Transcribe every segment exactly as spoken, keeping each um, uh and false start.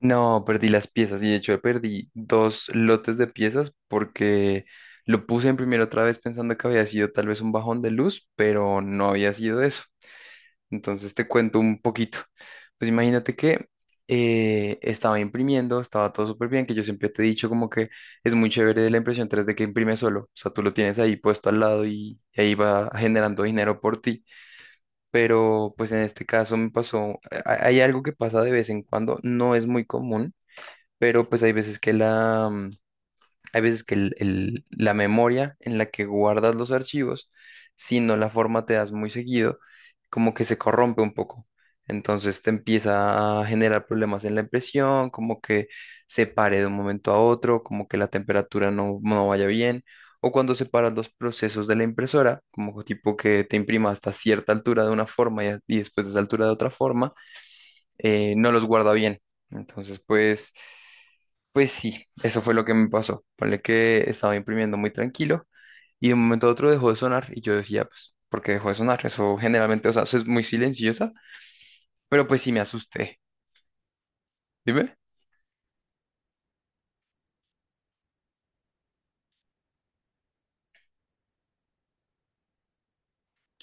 No, perdí las piezas y de hecho perdí dos lotes de piezas porque lo puse en primero otra vez pensando que había sido tal vez un bajón de luz, pero no había sido eso. Entonces te cuento un poquito. Pues imagínate que eh, estaba imprimiendo, estaba todo súper bien, que yo siempre te he dicho como que es muy chévere la impresión tres d que imprime solo. O sea, tú lo tienes ahí puesto al lado y, y ahí va generando dinero por ti. Pero pues en este caso me pasó, hay hay algo que pasa de vez en cuando, no es muy común pero pues hay veces que la, mm, hay veces que el- el- la memoria en la que guardas los archivos, si no la formateas muy seguido, como que se corrompe un poco. Entonces te empieza a generar problemas en la impresión, como que se pare de un momento a otro, como que la temperatura no, no vaya bien, o cuando separas los procesos de la impresora, como tipo que te imprima hasta cierta altura de una forma y, a- y después de esa altura de otra forma eh, no los guarda bien. Entonces, pues, pues sí, eso fue lo que me pasó. Ponle que estaba imprimiendo muy tranquilo y de un momento a otro dejó de sonar y yo decía, pues, ¿por qué dejó de sonar? Eso generalmente, o sea, eso es muy silenciosa, pero pues sí me asusté. Dime.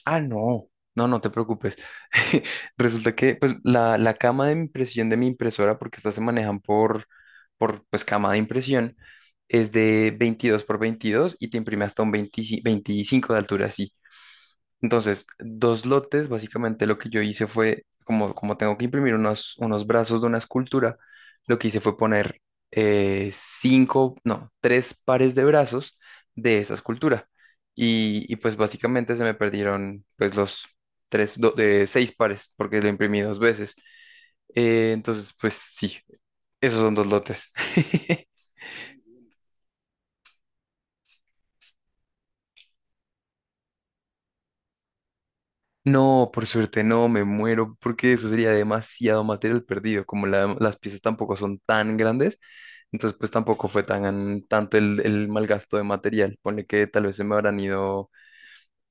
Ah, no. No, no te preocupes. Resulta que pues la, la cama de impresión de mi impresora, porque estas se manejan por, por pues cama de impresión, es de veintidós por veintidós y te imprime hasta un veinte veinticinco de altura, sí. Entonces, dos lotes, básicamente lo que yo hice fue, como, como tengo que imprimir unos, unos brazos de una escultura, lo que hice fue poner eh, cinco, no, tres pares de brazos de esa escultura. Y, y pues básicamente se me perdieron pues los tres, do- de seis pares, porque lo imprimí dos veces. Eh, entonces, pues sí, esos son dos lotes. No, por suerte no, me muero, porque eso sería demasiado material perdido, como la- las piezas tampoco son tan grandes, entonces pues tampoco fue tan tanto el, el mal gasto de material, ponle que tal vez se me habrán ido,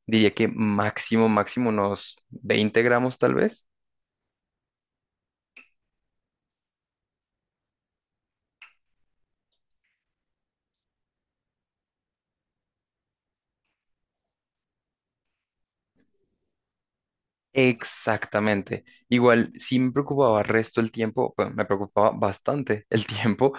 diría que máximo, máximo unos veinte gramos tal vez. Exactamente. Igual, sí me preocupaba resto el tiempo, bueno, me preocupaba bastante el tiempo,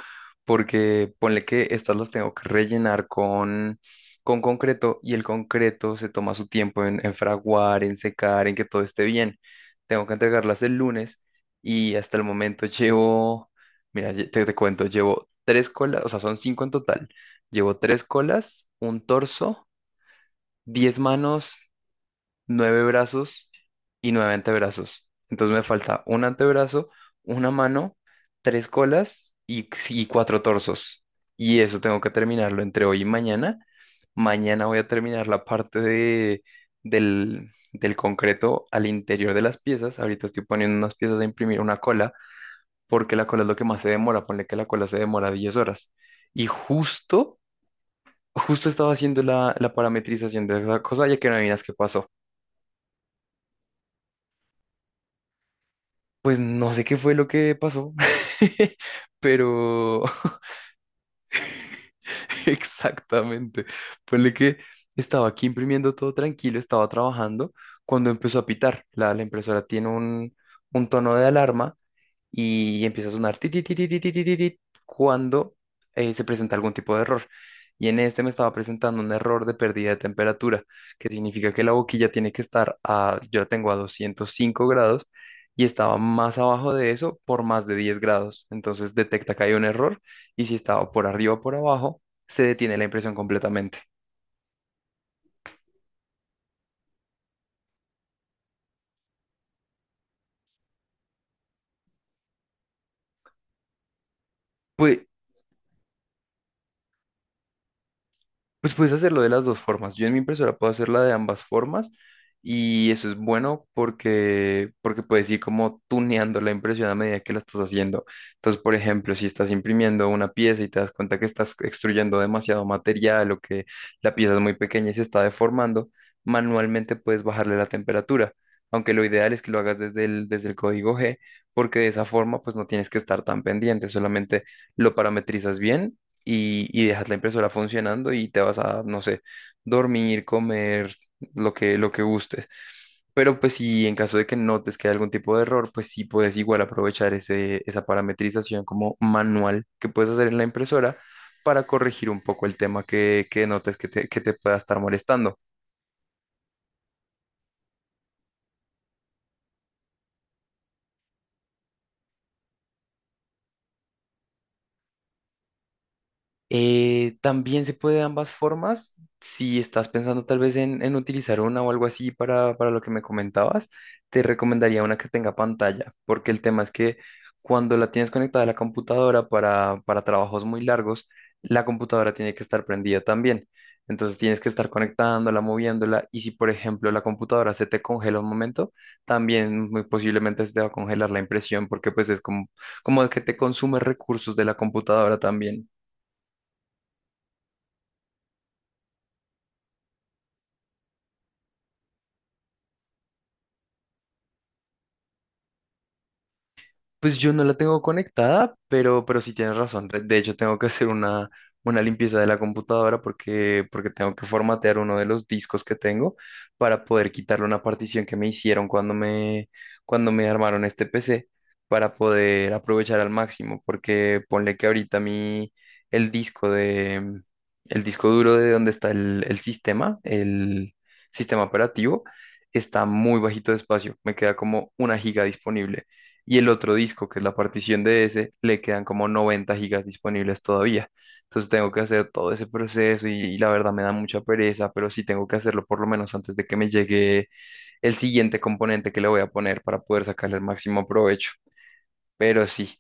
porque ponle que estas las tengo que rellenar con, con concreto y el concreto se toma su tiempo en, en fraguar, en secar, en que todo esté bien. Tengo que entregarlas el lunes y hasta el momento llevo, mira, lle- te, te cuento, llevo tres colas, o sea, son cinco en total. Llevo tres colas, un torso, diez manos, nueve brazos y nueve antebrazos. Entonces me falta un antebrazo, una mano, tres colas y, y cuatro torsos. Y eso tengo que terminarlo entre hoy y mañana. Mañana voy a terminar la parte de, del, del concreto al interior de las piezas. Ahorita estoy poniendo unas piezas a imprimir una cola, porque la cola es lo que más se demora. Ponle que la cola se demora diez horas. Y justo, justo estaba haciendo la, la parametrización de esa cosa, ya que no adivinas qué pasó. Pues no sé qué fue lo que pasó, pero exactamente. Ponle que estaba aquí imprimiendo todo tranquilo, estaba trabajando cuando empezó a pitar. La, la impresora tiene un, un tono de alarma y empieza a sonar ti, ti, ti, ti, ti, ti, ti, ti, ti, cuando eh, se presenta algún tipo de error. Y en este me estaba presentando un error de pérdida de temperatura, que significa que la boquilla tiene que estar a, yo la tengo a doscientos cinco grados y estaba más abajo de eso por más de diez grados. Entonces detecta que hay un error y si estaba por arriba o por abajo, se detiene la impresión completamente. Pues Pues puedes hacerlo de las dos formas. Yo en mi impresora puedo hacerla de ambas formas y eso es bueno porque, porque puedes ir como tuneando la impresión a medida que la estás haciendo. Entonces, por ejemplo, si estás imprimiendo una pieza y te das cuenta que estás extruyendo demasiado material o que la pieza es muy pequeña y se está deformando, manualmente puedes bajarle la temperatura. Aunque lo ideal es que lo hagas desde el, desde el código G, porque de esa forma pues no tienes que estar tan pendiente, solamente lo parametrizas bien y, y dejas la impresora funcionando y te vas a, no sé, dormir, comer, lo que, lo que gustes. Pero pues si en caso de que notes que hay algún tipo de error, pues sí puedes igual aprovechar ese, esa parametrización como manual que puedes hacer en la impresora para corregir un poco el tema que, que notes que te, que te pueda estar molestando. Eh, también se puede de ambas formas. Si estás pensando tal vez en, en utilizar una o algo así para, para lo que me comentabas, te recomendaría una que tenga pantalla, porque el tema es que cuando la tienes conectada a la computadora para, para trabajos muy largos, la computadora tiene que estar prendida también. Entonces tienes que estar conectándola, moviéndola, y si por ejemplo la computadora se te congela un momento, también muy posiblemente se te va a congelar la impresión, porque pues es como, como que te consume recursos de la computadora también. Pues yo no la tengo conectada, pero, pero sí tienes razón. Re- De hecho, tengo que hacer una, una limpieza de la computadora porque, porque tengo que formatear uno de los discos que tengo para poder quitarle una partición que me hicieron cuando me, cuando me armaron este P C para poder aprovechar al máximo. Porque ponle que ahorita mi, el disco de, el disco duro de donde está el, el sistema, el sistema operativo, está muy bajito de espacio. Me queda como una giga disponible y el otro disco, que es la partición de ese, le quedan como noventa gigas disponibles todavía. Entonces tengo que hacer todo ese proceso y, y la verdad me da mucha pereza, pero sí tengo que hacerlo por lo menos antes de que me llegue el siguiente componente que le voy a poner para poder sacarle el máximo provecho. Pero sí.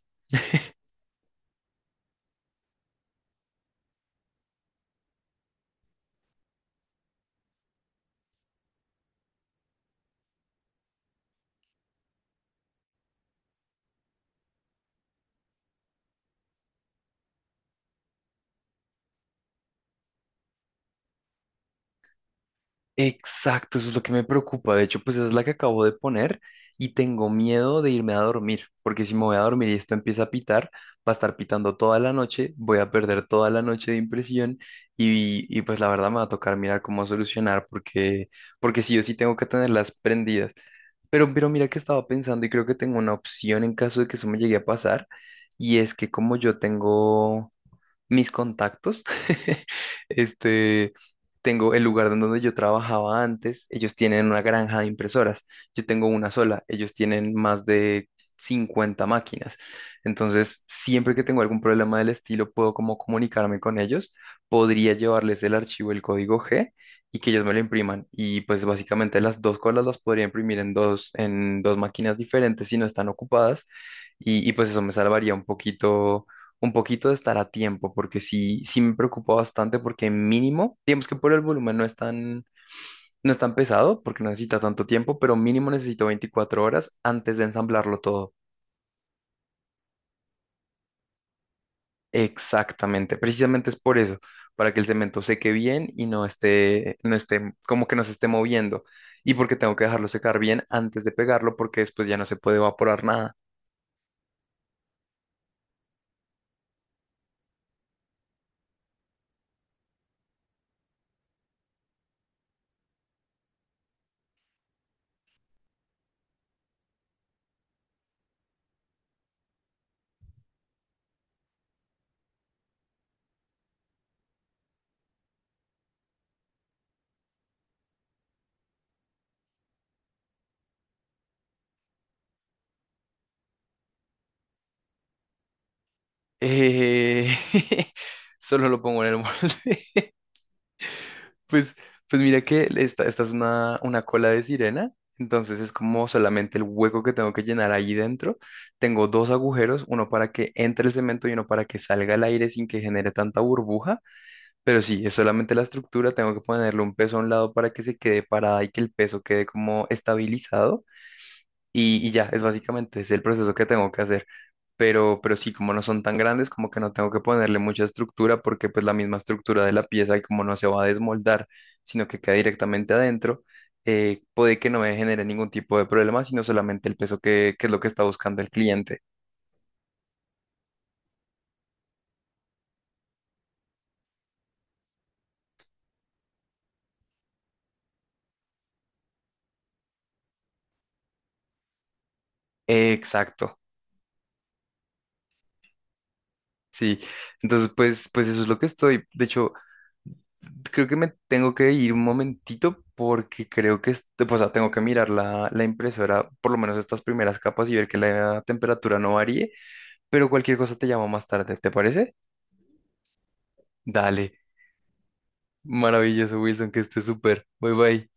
Exacto, eso es lo que me preocupa. De hecho, pues esa es la que acabo de poner y tengo miedo de irme a dormir, porque si me voy a dormir y esto empieza a pitar, va a estar pitando toda la noche, voy a perder toda la noche de impresión y, y pues la verdad me va a tocar mirar cómo solucionar, porque, porque sí, yo sí tengo que tenerlas prendidas. Pero, pero mira que estaba pensando y creo que tengo una opción en caso de que eso me llegue a pasar, y es que como yo tengo mis contactos. Este, tengo el lugar en donde yo trabajaba antes, ellos tienen una granja de impresoras, yo tengo una sola, ellos tienen más de cincuenta máquinas. Entonces, siempre que tengo algún problema del estilo, puedo como comunicarme con ellos, podría llevarles el archivo, el código G y que ellos me lo impriman. Y pues básicamente las dos colas las podría imprimir en dos, en dos máquinas diferentes si no están ocupadas. Y, y pues eso me salvaría un poquito un poquito de estar a tiempo, porque sí, sí me preocupa bastante, porque mínimo, digamos que por el volumen no es tan, no es tan pesado, porque no necesita tanto tiempo, pero mínimo necesito veinticuatro horas antes de ensamblarlo todo. Exactamente, precisamente es por eso, para que el cemento seque bien y no esté, no esté, como que no se esté moviendo, y porque tengo que dejarlo secar bien antes de pegarlo, porque después ya no se puede evaporar nada. Eh, Solo lo pongo en el molde. Pues, pues mira que esta, esta es una, una cola de sirena, entonces es como solamente el hueco que tengo que llenar ahí dentro. Tengo dos agujeros, uno para que entre el cemento y uno para que salga el aire sin que genere tanta burbuja, pero sí, es solamente la estructura, tengo que ponerle un peso a un lado para que se quede parada y que el peso quede como estabilizado y, y ya, es básicamente es el proceso que tengo que hacer pero, pero sí, como no son tan grandes, como que no tengo que ponerle mucha estructura porque pues la misma estructura de la pieza y como no se va a desmoldar, sino que queda directamente adentro, eh, puede que no me genere ningún tipo de problema, sino solamente el peso que, que es lo que está buscando el cliente. Eh, exacto. Sí, entonces pues, pues eso es lo que estoy. De hecho, creo que me tengo que ir un momentito porque creo que, es- o sea, tengo que mirar la, la impresora, por lo menos estas primeras capas y ver que la temperatura no varíe, pero cualquier cosa te llamo más tarde, ¿te parece? Dale, maravilloso, Wilson, que estés súper. Bye bye.